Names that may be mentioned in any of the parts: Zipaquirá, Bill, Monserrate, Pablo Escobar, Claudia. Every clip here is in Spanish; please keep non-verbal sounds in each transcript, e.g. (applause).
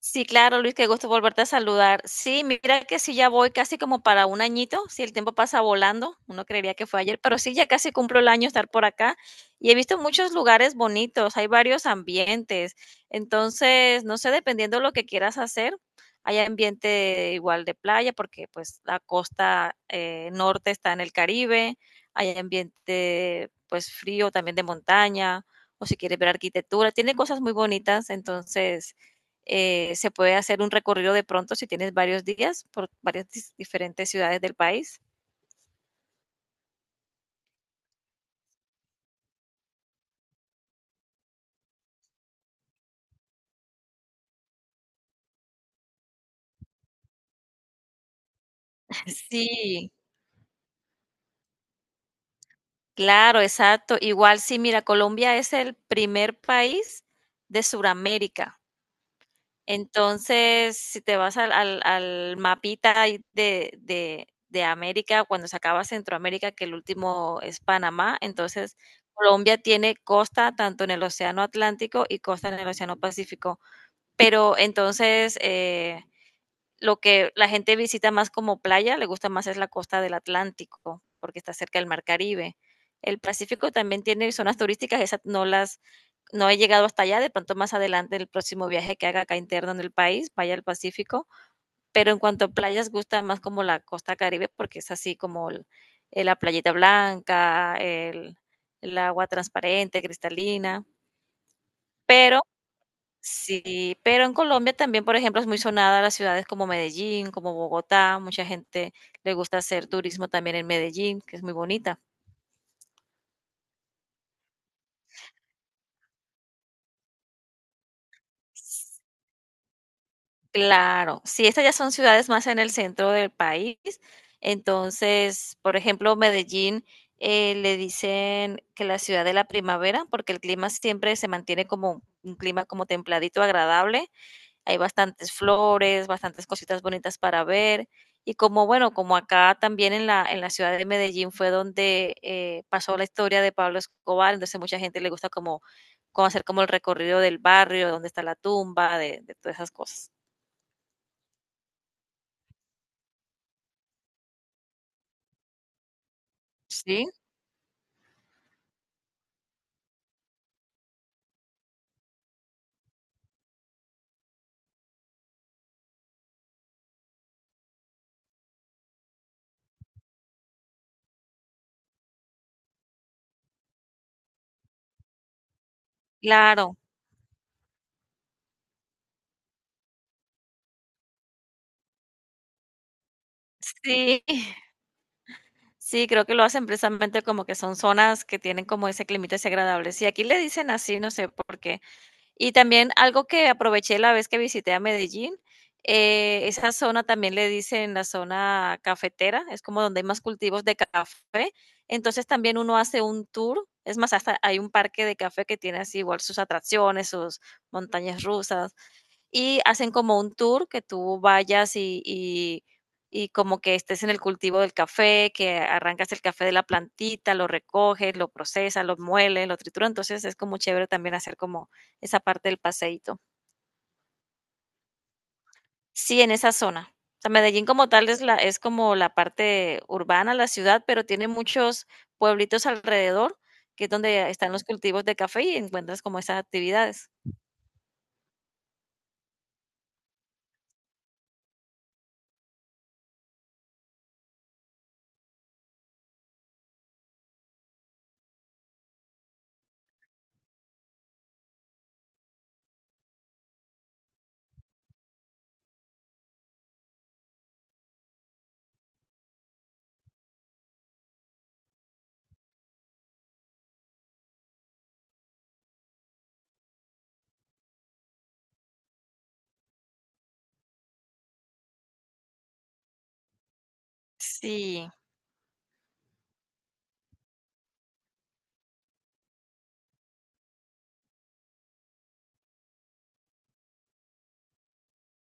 Sí, claro, Luis, qué gusto volverte a saludar. Sí, mira que sí, ya voy casi como para un añito, si el tiempo pasa volando, uno creería que fue ayer, pero sí, ya casi cumplo el año estar por acá y he visto muchos lugares bonitos, hay varios ambientes, entonces, no sé, dependiendo lo que quieras hacer, hay ambiente igual de playa, porque pues la costa norte está en el Caribe, hay ambiente pues frío también de montaña, o si quieres ver arquitectura, tiene cosas muy bonitas, entonces. Se puede hacer un recorrido de pronto si tienes varios días por varias diferentes ciudades del país. Sí, claro, exacto. Igual sí, mira, Colombia es el primer país de Sudamérica. Entonces, si te vas al mapita ahí de América, cuando se acaba Centroamérica, que el último es Panamá, entonces Colombia tiene costa tanto en el océano Atlántico y costa en el océano Pacífico. Pero entonces, lo que la gente visita más como playa, le gusta más es la costa del Atlántico, porque está cerca del Mar Caribe. El Pacífico también tiene zonas turísticas, esas no las, no he llegado hasta allá, de pronto más adelante el próximo viaje que haga acá interno en el país, vaya al Pacífico, pero en cuanto a playas gusta más como la costa Caribe porque es así como la playita blanca, el agua transparente, cristalina, pero sí. Pero en Colombia también, por ejemplo, es muy sonada las ciudades como Medellín, como Bogotá. Mucha gente le gusta hacer turismo también en Medellín, que es muy bonita. S- Claro, sí, estas ya son ciudades más en el centro del país. Entonces, por ejemplo, Medellín, le dicen que la ciudad de la primavera, porque el clima siempre se mantiene como un clima como templadito, agradable, hay bastantes flores, bastantes cositas bonitas para ver. Y como, bueno, como acá también en la ciudad de Medellín fue donde pasó la historia de Pablo Escobar, entonces mucha gente le gusta como, como hacer como el recorrido del barrio, donde está la tumba, de todas esas cosas. Sí, claro, sí, (laughs) sí, creo que lo hacen precisamente como que son zonas que tienen como ese climita ese agradable. Sí, aquí le dicen así, no sé por qué. Y también algo que aproveché la vez que visité a Medellín, esa zona también le dicen la zona cafetera, es como donde hay más cultivos de café. Entonces también uno hace un tour, es más, hasta hay un parque de café que tiene así igual sus atracciones, sus montañas rusas, y hacen como un tour que tú vayas y como que estés en el cultivo del café, que arrancas el café de la plantita, lo recoges, lo procesas, lo mueles, lo trituras. Entonces es como chévere también hacer como esa parte del paseíto. Sí, en esa zona. O sea, Medellín como tal es es como la parte urbana, la ciudad, pero tiene muchos pueblitos alrededor, que es donde están los cultivos de café y encuentras como esas actividades. Sí,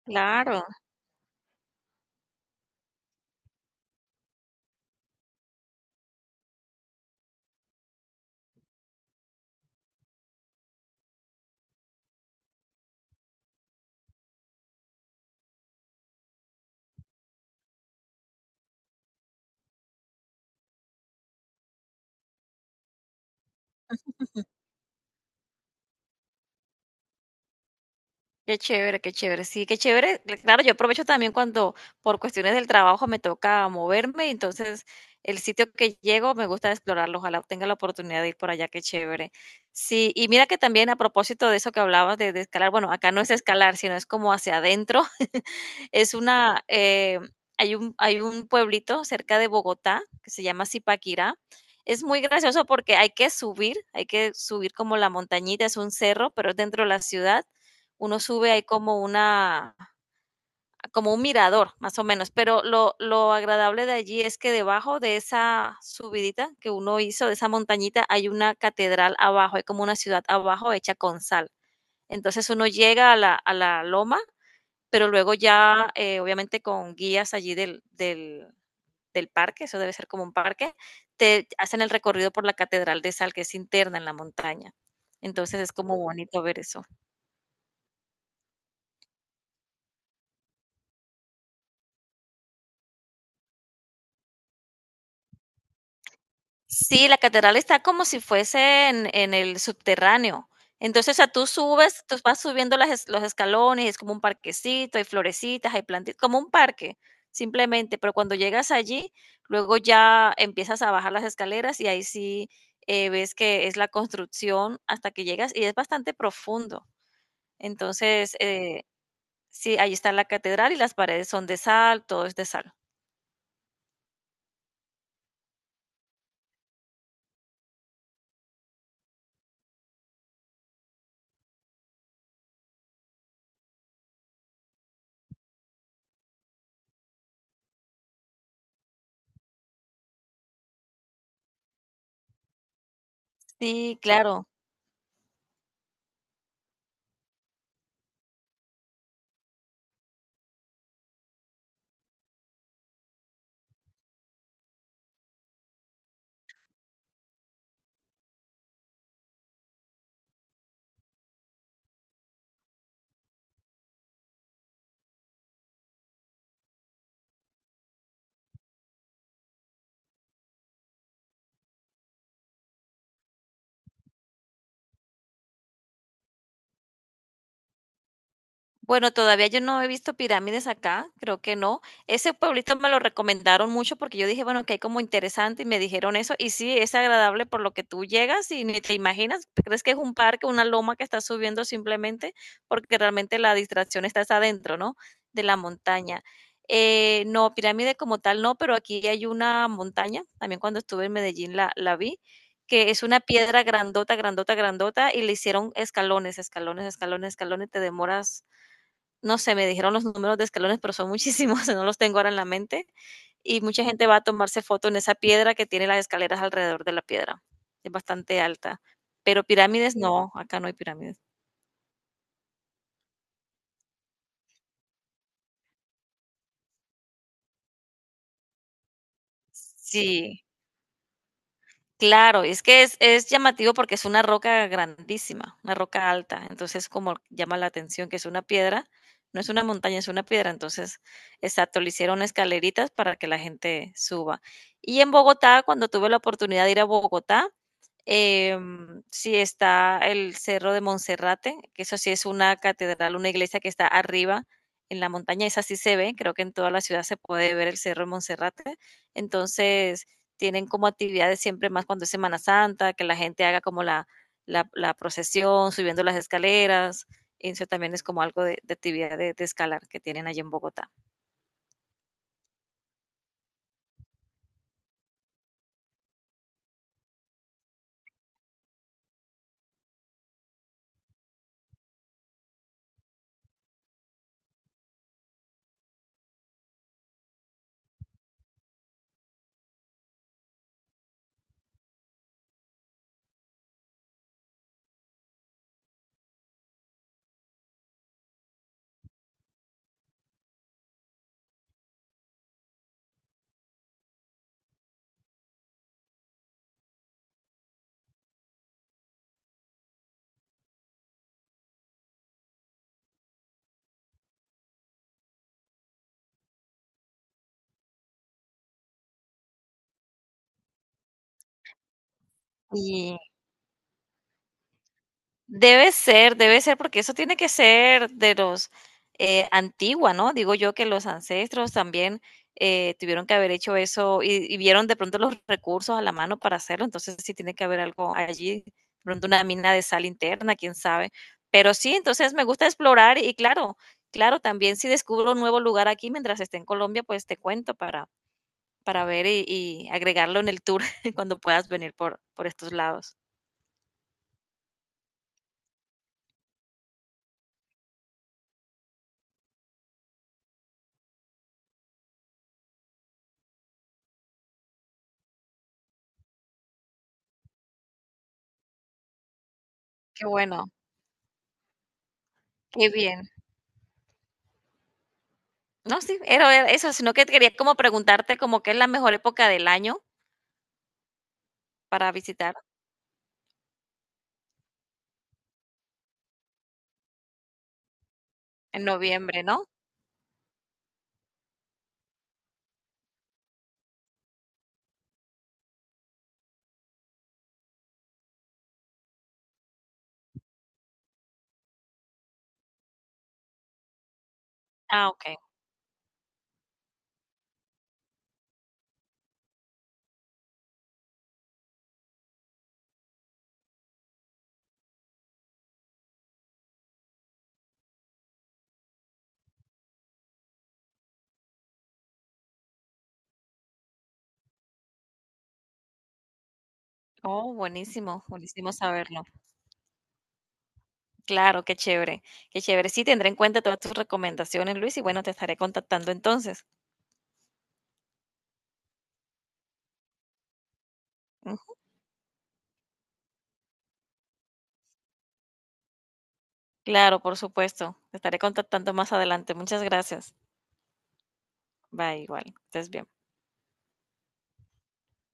claro. Qué chévere, qué chévere. Sí, qué chévere. Claro, yo aprovecho también cuando por cuestiones del trabajo me toca moverme, entonces el sitio que llego me gusta explorarlo. Ojalá tenga la oportunidad de ir por allá, qué chévere. Sí, y mira que también a propósito de eso que hablabas de escalar, bueno, acá no es escalar, sino es como hacia adentro. Es una, eh, Hay un, hay un pueblito cerca de Bogotá que se llama Zipaquirá. Es muy gracioso porque hay que subir como la montañita, es un cerro, pero es dentro de la ciudad. Uno sube, hay como una, como un mirador, más o menos. Pero lo agradable de allí es que debajo de esa subidita que uno hizo, de esa montañita, hay una catedral abajo, hay como una ciudad abajo hecha con sal. Entonces uno llega a la loma, pero luego ya, obviamente, con guías allí del parque, eso debe ser como un parque, te hacen el recorrido por la catedral de sal, que es interna en la montaña. Entonces, es como bonito ver eso. Sí, la catedral está como si fuese en el subterráneo. Entonces, o sea, tú subes, tú vas subiendo las los escalones, es como un parquecito, hay florecitas, hay plantitas, como un parque, simplemente. Pero cuando llegas allí, luego ya empiezas a bajar las escaleras y ahí sí ves que es la construcción hasta que llegas y es bastante profundo. Entonces, sí, ahí está la catedral y las paredes son de sal, todo es de sal. Sí, claro. Bueno, todavía yo no he visto pirámides acá, creo que no. Ese pueblito me lo recomendaron mucho porque yo dije, bueno, que hay como interesante y me dijeron eso. Y sí, es agradable por lo que tú llegas y ni te imaginas, te crees que es un parque, una loma que estás subiendo simplemente porque realmente la distracción está hasta adentro, ¿no? De la montaña. No, pirámide como tal no, pero aquí hay una montaña, también cuando estuve en Medellín la vi, que es una piedra grandota, grandota, grandota y le hicieron escalones, escalones, escalones, escalones, te demoras, no sé, me dijeron los números de escalones, pero son muchísimos, (laughs) no los tengo ahora en la mente. Y mucha gente va a tomarse foto en esa piedra que tiene las escaleras alrededor de la piedra. Es bastante alta. Pero pirámides no, acá no hay pirámides. Sí, claro, es que es llamativo porque es una roca grandísima, una roca alta, entonces como llama la atención que es una piedra, no es una montaña, es una piedra, entonces, exacto, le hicieron escaleritas para que la gente suba. Y en Bogotá, cuando tuve la oportunidad de ir a Bogotá, sí está el Cerro de Monserrate, que eso sí es una catedral, una iglesia que está arriba en la montaña, esa sí se ve, creo que en toda la ciudad se puede ver el Cerro de Monserrate. Entonces, tienen como actividades siempre más cuando es Semana Santa, que la gente haga como la procesión, subiendo las escaleras. Eso también es como algo de actividad de escalar que tienen allí en Bogotá. Y debe ser, porque eso tiene que ser de los antigua, ¿no? Digo yo que los ancestros también tuvieron que haber hecho eso y vieron de pronto los recursos a la mano para hacerlo, entonces sí tiene que haber algo allí, de pronto una mina de sal interna, quién sabe. Pero sí, entonces me gusta explorar y claro, claro, también si descubro un nuevo lugar aquí mientras esté en Colombia, pues te cuento para ver y agregarlo en el tour (laughs) cuando puedas venir por estos lados. Qué bueno, qué bien. No, sí, era eso, sino que quería como preguntarte como qué es la mejor época del año para visitar, en noviembre, ¿no? Ah, okey. Oh, buenísimo, buenísimo saberlo. Claro, qué chévere, qué chévere. Sí, tendré en cuenta todas tus recomendaciones, Luis, y bueno, te estaré contactando entonces. Mm, claro, por supuesto, te estaré contactando más adelante. Muchas gracias. Bye, igual, estés bien.